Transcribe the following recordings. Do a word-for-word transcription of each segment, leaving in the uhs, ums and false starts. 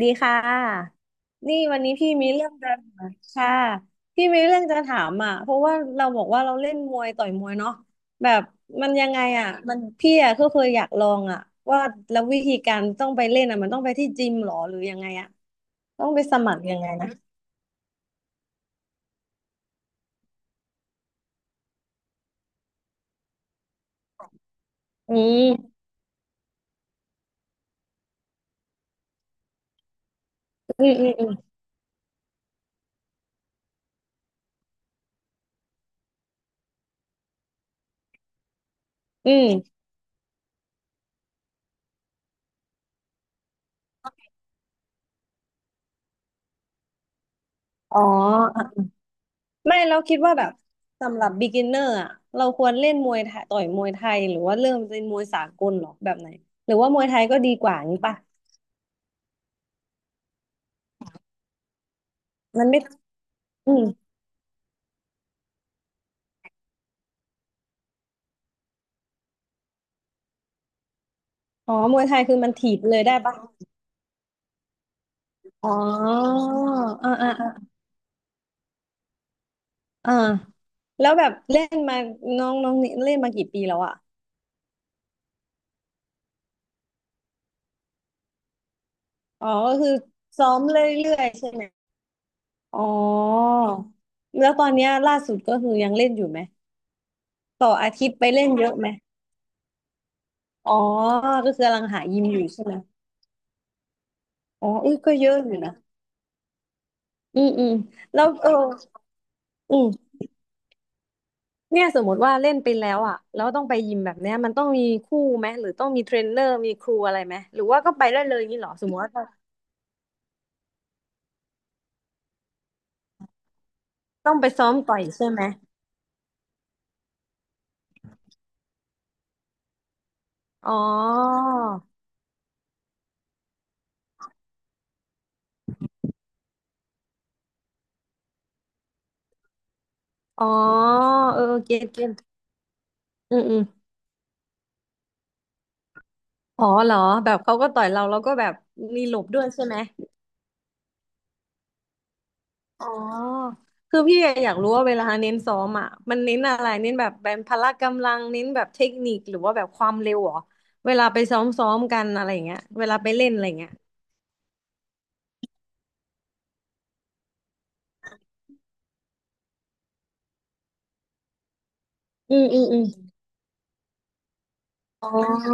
ดีค่ะนี่วันนี้พี่มีเรื่องจะถามค่ะพี่มีเรื่องจะถามอ่ะเพราะว่าเราบอกว่าเราเล่นมวยต่อยมวยเนาะแบบมันยังไงอ่ะมันพี่อ่ะก็เคยอยากลองอ่ะว่าแล้ววิธีการต้องไปเล่นอ่ะมันต้องไปที่จิมหรอหรือยังไงอ่ะต้องไปสมัครยังไงนะอืมอืมอืมอืมอืมอ๋อไม่เราคิดว่าแบบสำหรับ beginner อจีเอเอ็นอีอาร์อ่ะเราควรเล่นมวยไทยต่อยมวยไทยหรือว่าเริ่มเป็นมวยสากลหรอแบบไหนหรือว่ามวยไทยก็ดีกว่านี้ป่ะมันไม่ อืมอ๋อมวยไทยคือมันถีบเลยได้ปะอ๋ออ่าอ่าอ่าอ่าแล้วแบบเล่นมาน้องน้องนี่เล่นมากี่ปีแล้วอ่ะอ๋อก็คือซ้อมเรื่อยๆใช่ไหมอ๋อ แล้วตอนเนี้ยล่าสุดก็คือยังเล่นอยู่ไหมต่ออาทิตย์ไปเล่นเยอะไหมอ๋อก็คือกำลังหายิมอยู่ใช่ไหมอ๋ออุ้ยก็เยอะอยู่นะอืมอืมแล้วเอออืม เนี่ยสมมติว่าเล่นไปแล้วอ่ะแล้วต้องไปยิมแบบเนี้ยมันต้องมีคู่ไหมหรือต้องมีเทรนเนอร์มีครูอะไรไหมหรือว่าก็ไปได้เลยอย่างนี้เหรอสมมติว่าต้องไปซ้อมต่อยใช่ไหมอ๋ออ๋อเออเก็ตเก็ตอืมอืมอ๋อเหรอแบบเขาก็ต่อยเราแล้วก็แบบมีหลบด้วยใช่ไหมอ๋อคือพี่อยากรู้ว่าเวลาเน้นซ้อมอ่ะมันเน้นอะไรเน้นแบบแบบพละกำลังเน้นแบบเทคนิคหรือว่าแบบความเร็วเหรอเวลาไปซ้อมซ้อมกันอะไรอย่างเงี้ยเวลาไปเล่นอะไรอย่างเงี้ยอืมอืมอืม อ๋อ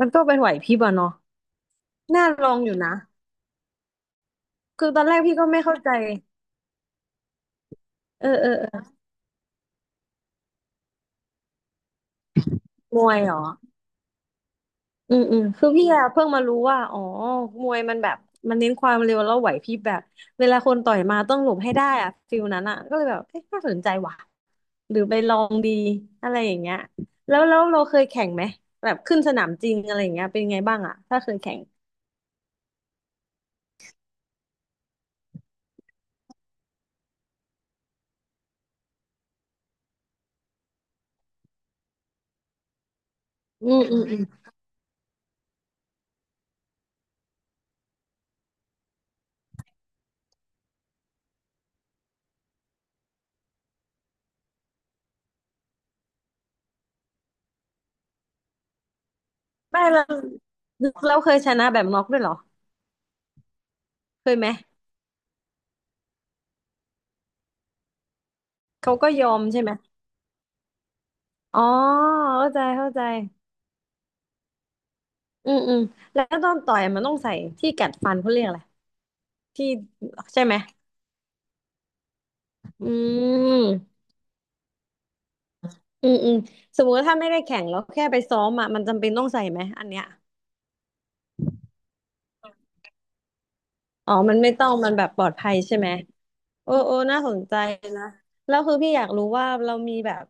มันก็เป็นไหวพริบอะเนาะน่าลองอยู่นะ คือตอนแรกพี่ก็ไม่เข้าใจเออเออเออมวยเหรอ อืม อืม คือพี่อะเพิ่งมารู้ว่า อ๋อ มวยมันแบบ มันเน้นความเร็วแล้วไหวพริบแบบ เวลาคนต่อยมาต้องหลบให้ได้อะฟิลนั้นอะก็เลยแบบเอ๊ะน่าสนใจว่ะ หรือไปลองดี อะไรอย่างเงี้ยแล้วแล้วเราเคยแข่งไหมแบบขึ้นสนามจริงอะไรอย่างเงี้ยเป็นไงบ้างอะถ้าเคยแข่งอืมอืมอืมไม่เราเราเคยชนะแบบน็อกด้วยเหรอเคยไหม เขาก็ยอมใช่ไหมอ๋อเข้าใจเข้าใจ อืมอืมแล้วตอนต่อยมันต้องใส่ที่กัดฟันเขาเรียกอะไรที่ใช่ไหมอืมอืมอืมสมมติว่าถ้าไม่ได้แข่งแล้วแค่ไปซ้อมอ่ะมันจำเป็นต้องใส่ไหมอันเนี้ยอ๋อมันไม่ต้องมันแบบปลอดภัยใช่ไหมโอ้โอ้น่าสนใจนะแล้วคือพี่อยากรู้ว่าเรามีแบบ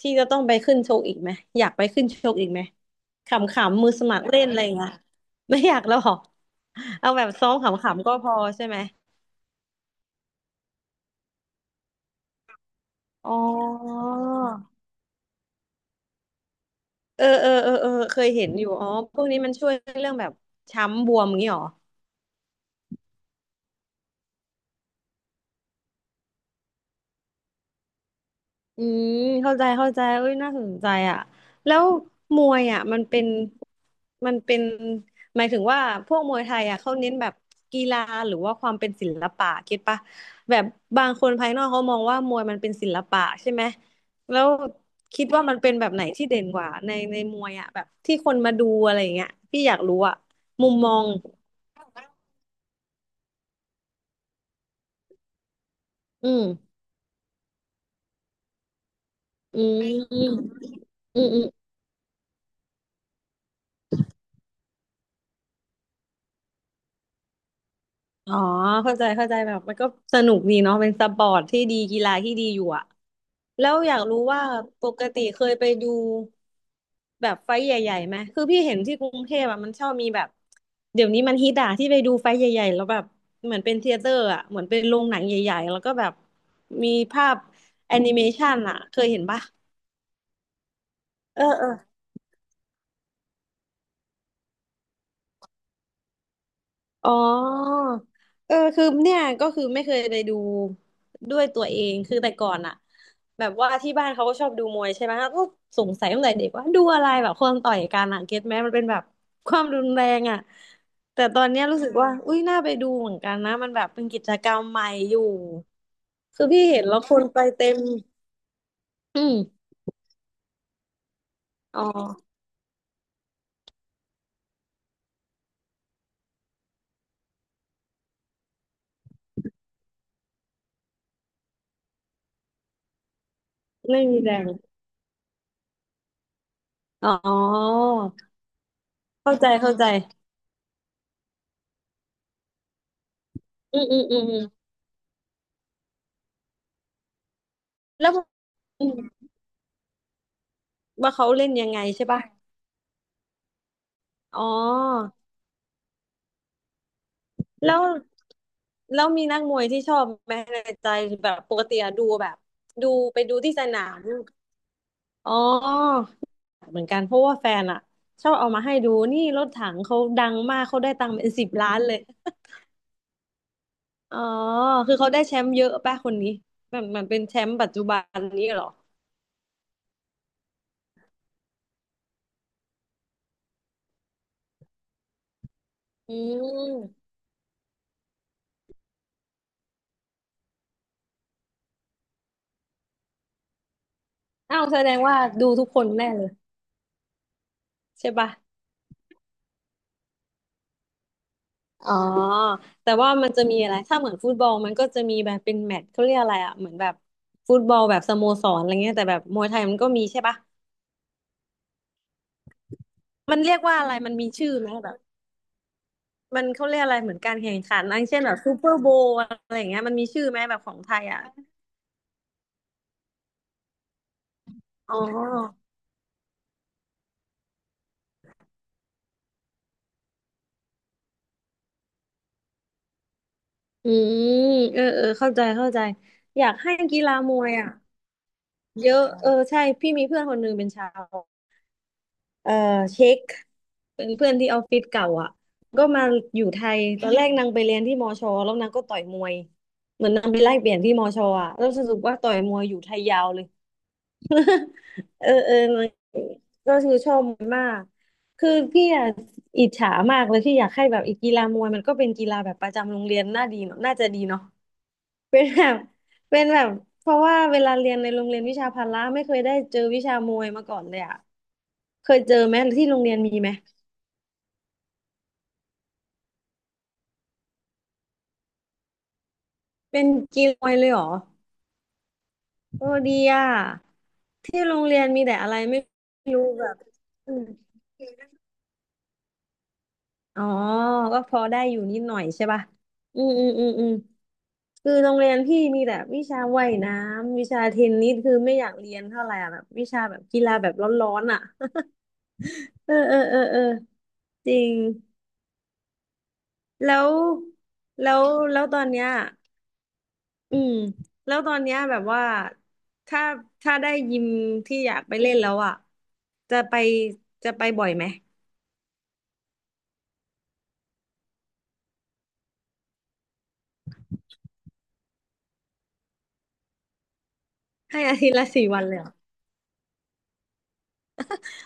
ที่จะต้องไปขึ้นชกอีกไหมอยากไปขึ้นชกอีกไหมขำๆมือสมัครเล่นอะไรอย่างเงี้ยไม่อยากแล้วเหรอเอาแบบซ้อมขำๆก็พอใช่ไหม อ๋อเออเออเออเออเคยเห็นอยู่อ๋อพวกนี้มันช่วยเรื่องแบบช้ำบวมอย่างนี้หรออืมเข้าใจเข้าใจเอ้ยน่าสนใจอ่ะแล้วมวยอ่ะมันเป็นมันเป็นหมายถึงว่าพวกมวยไทยอ่ะเขาเน้นแบบกีฬาหรือว่าความเป็นศิลปะคิดปะแบบบางคนภายนอกเขามองว่ามวยมันเป็นศิลปะใช่ไหมแล้วคิดว่ามันเป็นแบบไหนที่เด่นกว่าในในมวยอ่ะแบบที่คนมาดูอะไรอย่างเงี้ยพี่อยากรู้อ่ะมุมมอง อืมอืมอืมอืมอ๋อเข้าใจเข้าใจแบบมันก็สนุกดีเนาะเป็นสปอร์ตที่ดีกีฬาที่ดีอยู่อะแล้วอยากรู้ว่าปกติเคยไปดูแบบไฟท์ใหญ่ๆไหมคือพี่เห็นที่กรุงเทพอะมันชอบมีแบบเดี๋ยวนี้มันฮิตอะที่ไปดูไฟท์ใหญ่ๆแล้วแบบเหมือนเป็นเธียเตอร์อะเหมือนเป็นโรงหนังใหญ่ๆแล้วก็แบบมีภาพแอนิเมชันอะเคยเห็นปะเออเออ อ๋อ เออคือเนี่ยก็คือไม่เคยไปดูด้วยตัวเองคือแต่ก่อนอะแบบว่าที่บ้านเขาก็ชอบดูมวยใช่ไหมก็สงสัยตั้งแต่เด็กว่าดูอะไรแบบคนต่อยกันอะเก็ตไหมมันเป็นแบบความรุนแรงอะแต่ตอนเนี้ยรู้สึกว่าอุ้ยน่าไปดูเหมือนกันนะมันแบบเป็นกิจกรรมใหม่อยู่คือพี่เห็นแล้วคนไปเต็มอืมอ๋อไม่มีแรงอ๋อเข้าใจเข้าใจอืมอืมอืมอืมแล้วว่าเขาเล่นยังไงใช่ป่ะอ๋อ แล้วแล้วมีนักมวยที่ชอบไหมในใจแบบปกติอะดูแบบดูไปดูที่สนามอ๋อเหมือนกันเพราะว่าแฟนอะชอบเอามาให้ดูนี่รถถังเขาดังมากเขาได้ตังค์เป็นสิบล้านเลยอ๋อคือเขาได้แชมป์เยอะป่ะคนนี้มันมันเป็นแชมป์ปัจจุบันนี้เหรออืมอ้าวแสดงว่าดูทุกคนแน่เลยใช่ป่ะ อ๋อแต่ว่ามันจะมีอะไรถ้าเหมือนฟุตบอลมันก็จะมีแบบเป็นแมตช์เขาเรียกอะไรอ่ะเหมือนแบบฟุตบอลแบบสโมสรอะไรเงี้ยแต่แบบมวยไทยมันก็มีใช่ปะมันเรียกว่าอะไรมันมีชื่อไหมแบบมันเขาเรียกอะไรเหมือนการแข่งขันอันเช่นแบบซูเปอร์โบว์อะไรอย่างเงี้ยมันมีชื่อไหมแบบของไทยอ่ะอ๋ออืมเออเออเข้าใจเข้าใจอยากให้กีฬามวยอ่ะเยอะเออใช่พี่มีเพื่อนคนหนึงเป็นชาว เอ่อเช็คเป็นเพื่อนที่ออฟฟิศเก่าอ่ะก็มาอยู่ไทยตอนแรกนางไปเรียนที่มอชอแล้วนางก็ต่อยมวยเหมือนนางไปไล่เปลี่ยนที่มอชออ่ะแล้วสรุปว่าต่อยมวยอยู่ไทยยาวเลย เออเออนางก็คือชอบมวยมากคือพี่อ่ะอิจฉามากเลยที่อยากให้แบบอีกกีฬามวยมันก็เป็นกีฬาแบบประจำโรงเรียนน่าดีเนอะน่าจะดีเนาะเป็นแบบเป็นแบบเพราะว่าเวลาเรียนในโรงเรียนวิชาพละไม่เคยได้เจอวิชามวยมาก่อนเลยอ่ะเคยเจอไหมที่โรงเรียนมีไหม เป็นกีฬอยเลยเหรอโอ้ดีอ่ะที่โรงเรียนมีแต่อะไรไม่รู้แบบอืมอ๋อก็พอได้อยู่นิดหน่อยใช่ป่ะอืมอืมอืมอืมคือโรงเรียนพี่มีแต่วิชาว่ายน้ำวิชาเทนนิสคือไม่อยากเรียนเท่าไหร่อะแบบวิชาแบบกีฬาแบบร้อนๆอ่ะ เออเออเออเออจริงแล้วแล้วแล้วตอนเนี้ย อืมแล้วตอนเนี้ยแบบว่าถ้าถ้าได้ยิมที่อยากไปเล่นแล้วอ่ะจะไปจะไปบ่อยไหมให้อาทิตย์ละสี่วันเลยเหรอ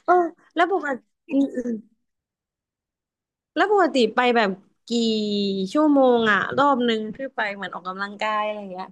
เออแล้วปกติอืมอืมแล้วปกติไปแบบกี่ชั่วโมงอ่ะรอบนึงที่ไปเหมือนออกกำลังกายอะไรอย่างเงี้ย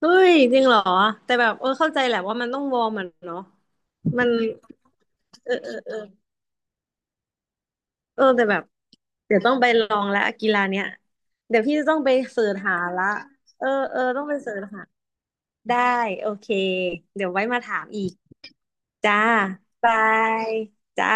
เฮ้ยจริงเหรอแต่แบบเออเข้าใจแหละว่ามันต้องวอร์มอ่ะเนาะมันเออเออเออ เออแต่แบบเดี๋ยวต้องไปลองแล้วกีฬาเนี้ยเดี๋ยวพี่จะต้องไปเสิร์ชหาละเออเออต้องไปเสิร์ชหาได้โอเคเดี๋ยวไว้มาถามอีกจ้าบายจ้า